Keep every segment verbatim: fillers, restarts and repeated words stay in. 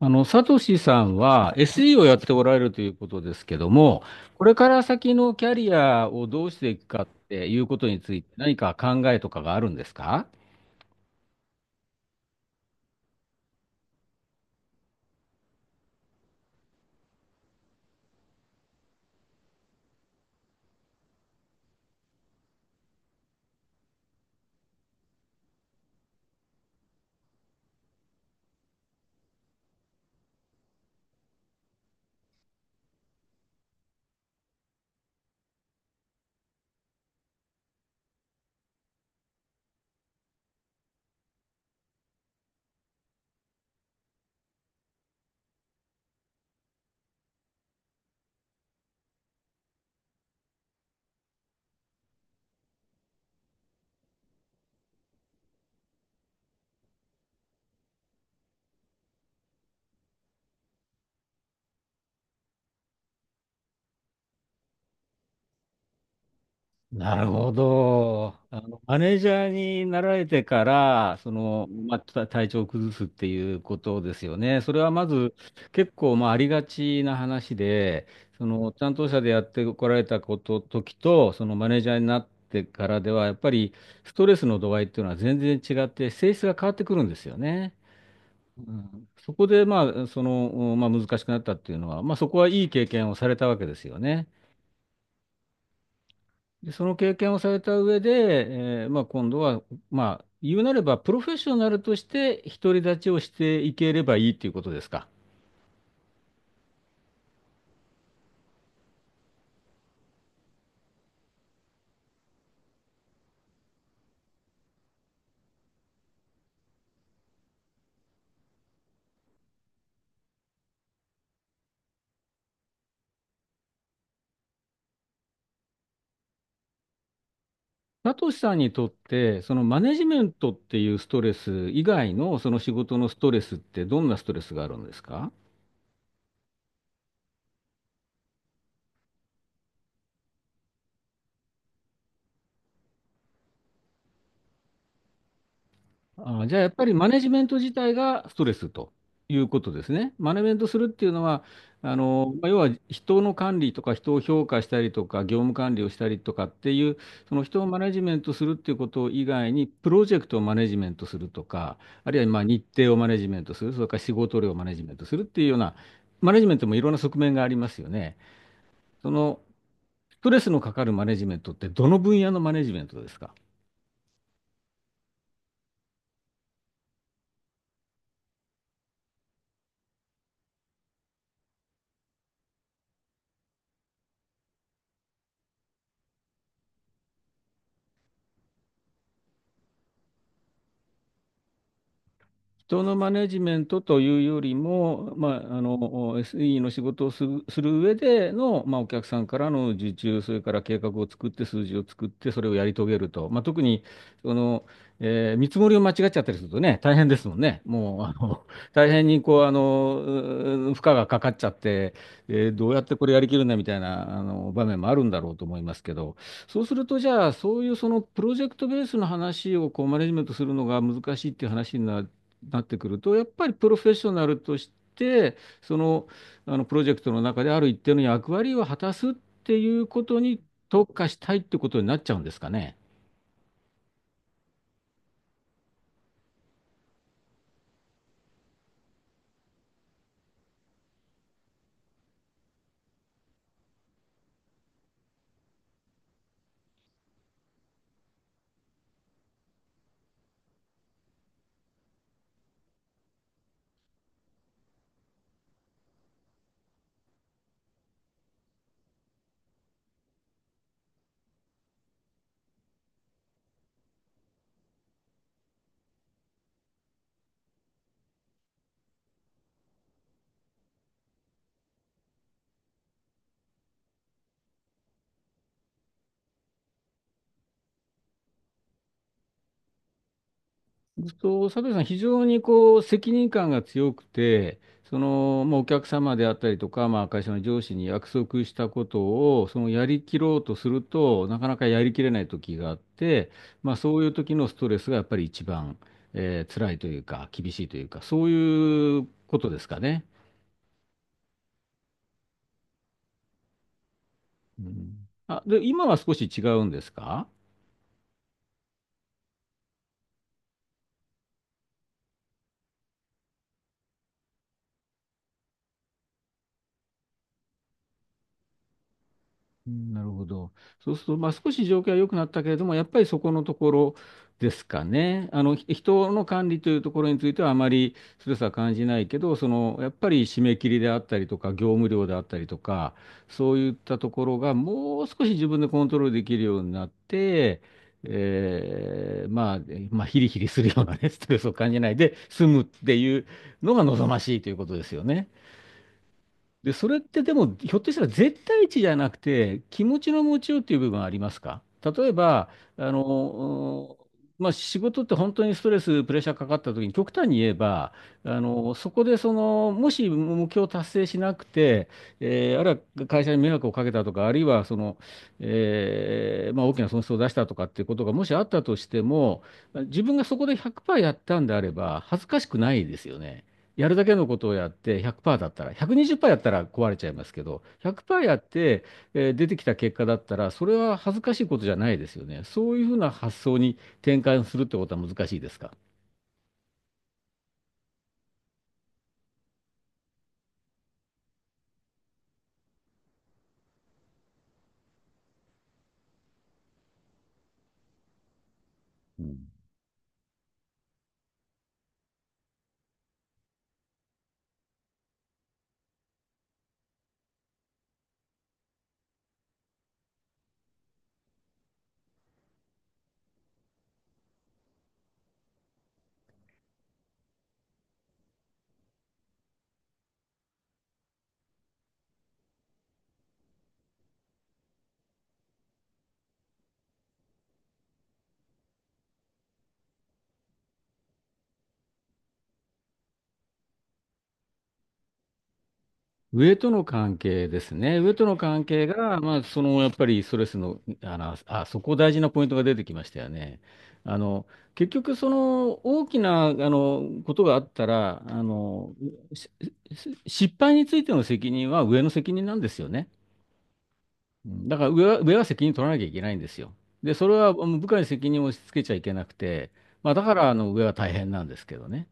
あの、サトシさんは エスイー をやっておられるということですけども、これから先のキャリアをどうしていくかっていうことについて何か考えとかがあるんですか？なるほど。あの、マネージャーになられてから、その、まあ、た体調を崩すっていうことですよね。それはまず結構、まあ、ありがちな話で、その、担当者でやってこられたこと、時と、そのマネージャーになってからでは、やっぱりストレスの度合いっていうのは全然違って、性質が変わってくるんですよね。うん、そこで、まあ、その、まあ、難しくなったっていうのは、まあ、そこはいい経験をされたわけですよね。で、その経験をされた上で、えーまあ、今度は、まあ、言うなれば、プロフェッショナルとして独り立ちをしていければいいということですか。サトシさんにとって、そのマネジメントっていうストレス以外のその仕事のストレスってどんなストレスがあるんですか？ああ、じゃあやっぱりマネジメント自体がストレスということですね。マネジメントするっていうのは、あの、まあ要は人の管理とか人を評価したりとか業務管理をしたりとかっていう、その人をマネジメントするっていうこと以外に、プロジェクトをマネジメントするとか、あるいはまあ日程をマネジメントする、それから仕事量をマネジメントするっていうような、マネジメントもいろんな側面がありますよね。その、ストレスのかかるマネジメントってどの分野のマネジメントですか？人のマネジメントというよりも、まあ、あの エスイー の仕事をする、する上での、まあ、お客さんからの受注、それから計画を作って、数字を作って、それをやり遂げると、まあ、特にその、えー見積もりを間違っちゃったりするとね、大変ですもんね。もうあの大変にこうあのうー負荷がかかっちゃって、えーどうやってこれやりきるんだみたいなあの場面もあるんだろうと思いますけど。そうすると、じゃあ、そういうそのプロジェクトベースの話をこうマネジメントするのが難しいっていう話にななってくると、やっぱりプロフェッショナルとして、その、あのプロジェクトの中である一定の役割を果たすっていうことに特化したいってことになっちゃうんですかね。そう佐藤さん、非常にこう責任感が強くて、そのまあお客様であったりとか、まあ、会社の上司に約束したことをそのやりきろうとすると、なかなかやりきれない時があって、まあ、そういう時のストレスがやっぱり一番、えー辛いというか、厳しいというか、そういうことですかね。うん。あ、で、今は少し違うんですか？うんなるほど。そうすると、まあ、少し状況は良くなったけれども、やっぱりそこのところですかね。あの、ひ人の管理というところについてはあまりストレスは感じないけど、その、やっぱり締め切りであったりとか、業務量であったりとか、そういったところがもう少し自分でコントロールできるようになって、えーまあ、まあ、ヒリヒリするようなね、ストレスを感じないで済むっていうのが望ましいということですよね。で、それってでも、ひょっとしたら絶対値じゃなくて、気持ちの持ちようっていう部分はありますか？例えば、あの、まあ、仕事って本当にストレス、プレッシャーかかった時に、極端に言えば、あの、そこでその、もし目標を達成しなくて、えーあるいは会社に迷惑をかけたとか、あるいはその、えーまあ、大きな損失を出したとかっていうことがもしあったとしても、自分がそこでひゃくパーセントやったんであれば、恥ずかしくないですよね。やるだけのことをやってひゃくパーセントだったら、ひゃくにじゅっパーセントやったら壊れちゃいますけど、ひゃくパーセントやって、えー出てきた結果だったら、それは恥ずかしいことじゃないですよね。そういうふうな発想に転換するってことは難しいですか？うん。上との関係ですね。上との関係が、まあ、そのやっぱりストレスの、あの、あ、そこ大事なポイントが出てきましたよね。あの、結局、その大きな、あの、ことがあったら、あの、しし失敗についての責任は上の責任なんですよね。うんだから上は、上は責任取らなきゃいけないんですよ。で、それはもう部下に責任を押し付けちゃいけなくて、まあ、だからあの上は大変なんですけどね。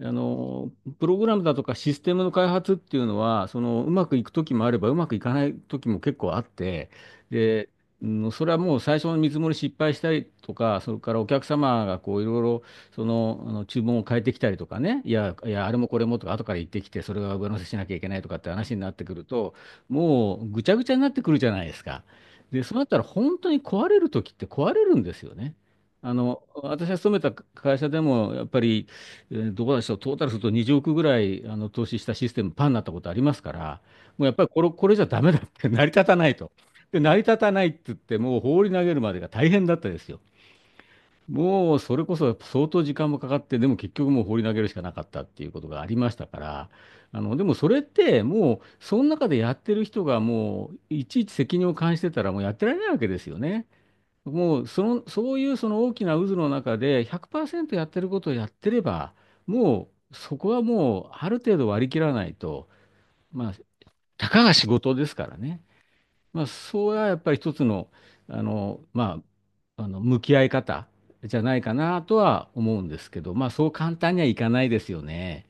あの、プログラムだとかシステムの開発っていうのは、その、うまくいく時もあれば、うまくいかない時も結構あって、で、うんそれはもう最初の見積もり失敗したりとか、それからお客様がこういろいろその、あの注文を変えてきたりとかね、いや、いや、あれもこれもとか、後から言ってきて、それが上乗せしなきゃいけないとかって話になってくると、もうぐちゃぐちゃになってくるじゃないですか。で、そうなったら本当に壊れる時って壊れるんですよね。あの、私が勤めた会社でも、やっぱり、えーどうでしょう、トータルするとにじゅうおくぐらいあの投資したシステム、パンになったことありますから、もうやっぱりこれ、これじゃダメだって、成り立たないと。で、成り立たないって言って、もう放り投げるまでが大変だったですよ。もうそれこそ相当時間もかかって、でも結局もう放り投げるしかなかったっていうことがありましたから、あの、でもそれってもう、その中でやってる人がもう、いちいち責任を感じてたら、もうやってられないわけですよね。もうその、そういうその大きな渦の中でひゃくパーセントやってることをやってれば、もうそこはもうある程度割り切らないと、まあ、たかが仕事ですからね。まあ、そうはやっぱり一つの、あの、まあ、あの、向き合い方じゃないかなとは思うんですけど、まあ、そう簡単にはいかないですよね。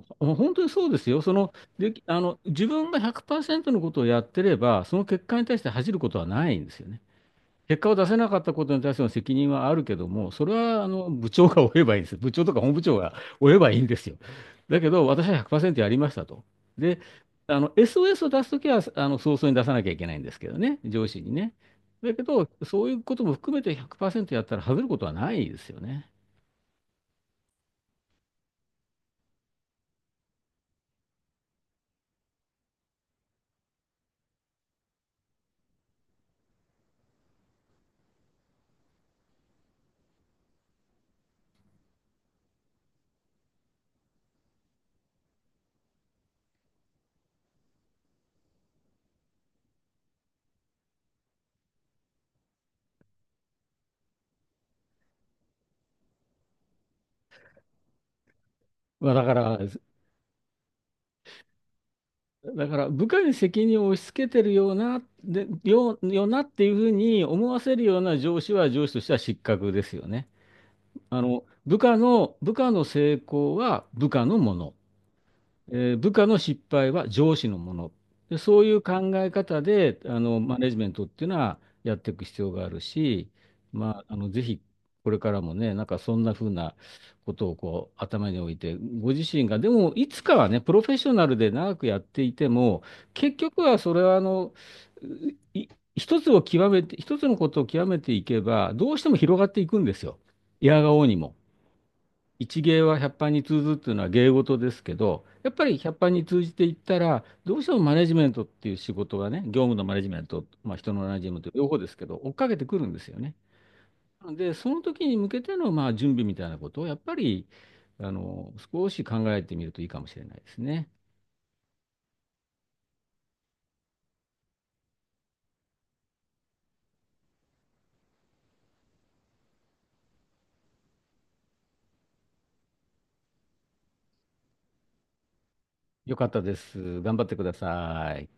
う本当にそうですよ。その、でき、あの、自分がひゃくパーセントのことをやってれば、その結果に対して恥じることはないんですよね。結果を出せなかったことに対しての責任はあるけども、それはあの部長が負えばいいんです。部長とか本部長が負えばいいんですよ。だけど、私はひゃくパーセントやりましたと。で、あの エスオーエス を出すときはあの早々に出さなきゃいけないんですけどね、上司にね。だけど、そういうことも含めてひゃくパーセントやったら外れることはないですよね。まあ、だから、だから部下に責任を押し付けてるような、で、よう、よなっていうふうに思わせるような上司は上司としては失格ですよね。あの、部下の、部下の成功は部下のもの、えー部下の失敗は上司のもの。で、そういう考え方で、あの、マネジメントっていうのはやっていく必要があるし、まあ、あの、ぜひ、これからもね、なんかそんな風なことをこう頭に置いて、ご自身が、でもいつかはね、プロフェッショナルで長くやっていても、結局はそれはあの、い一つを極めて、一つのことを極めていけば、どうしても広がっていくんですよ。いやが応にも。一芸は百般に通ずっていうのは芸事ですけど、やっぱり百般に通じていったら、どうしてもマネジメントっていう仕事がね、業務のマネジメント、まあ、人のマネジメント、両方ですけど、追っかけてくるんですよね。なので、その時に向けてのまあ準備みたいなことを、やっぱりあの少し考えてみるといいかもしれないですね。よかったです。頑張ってください。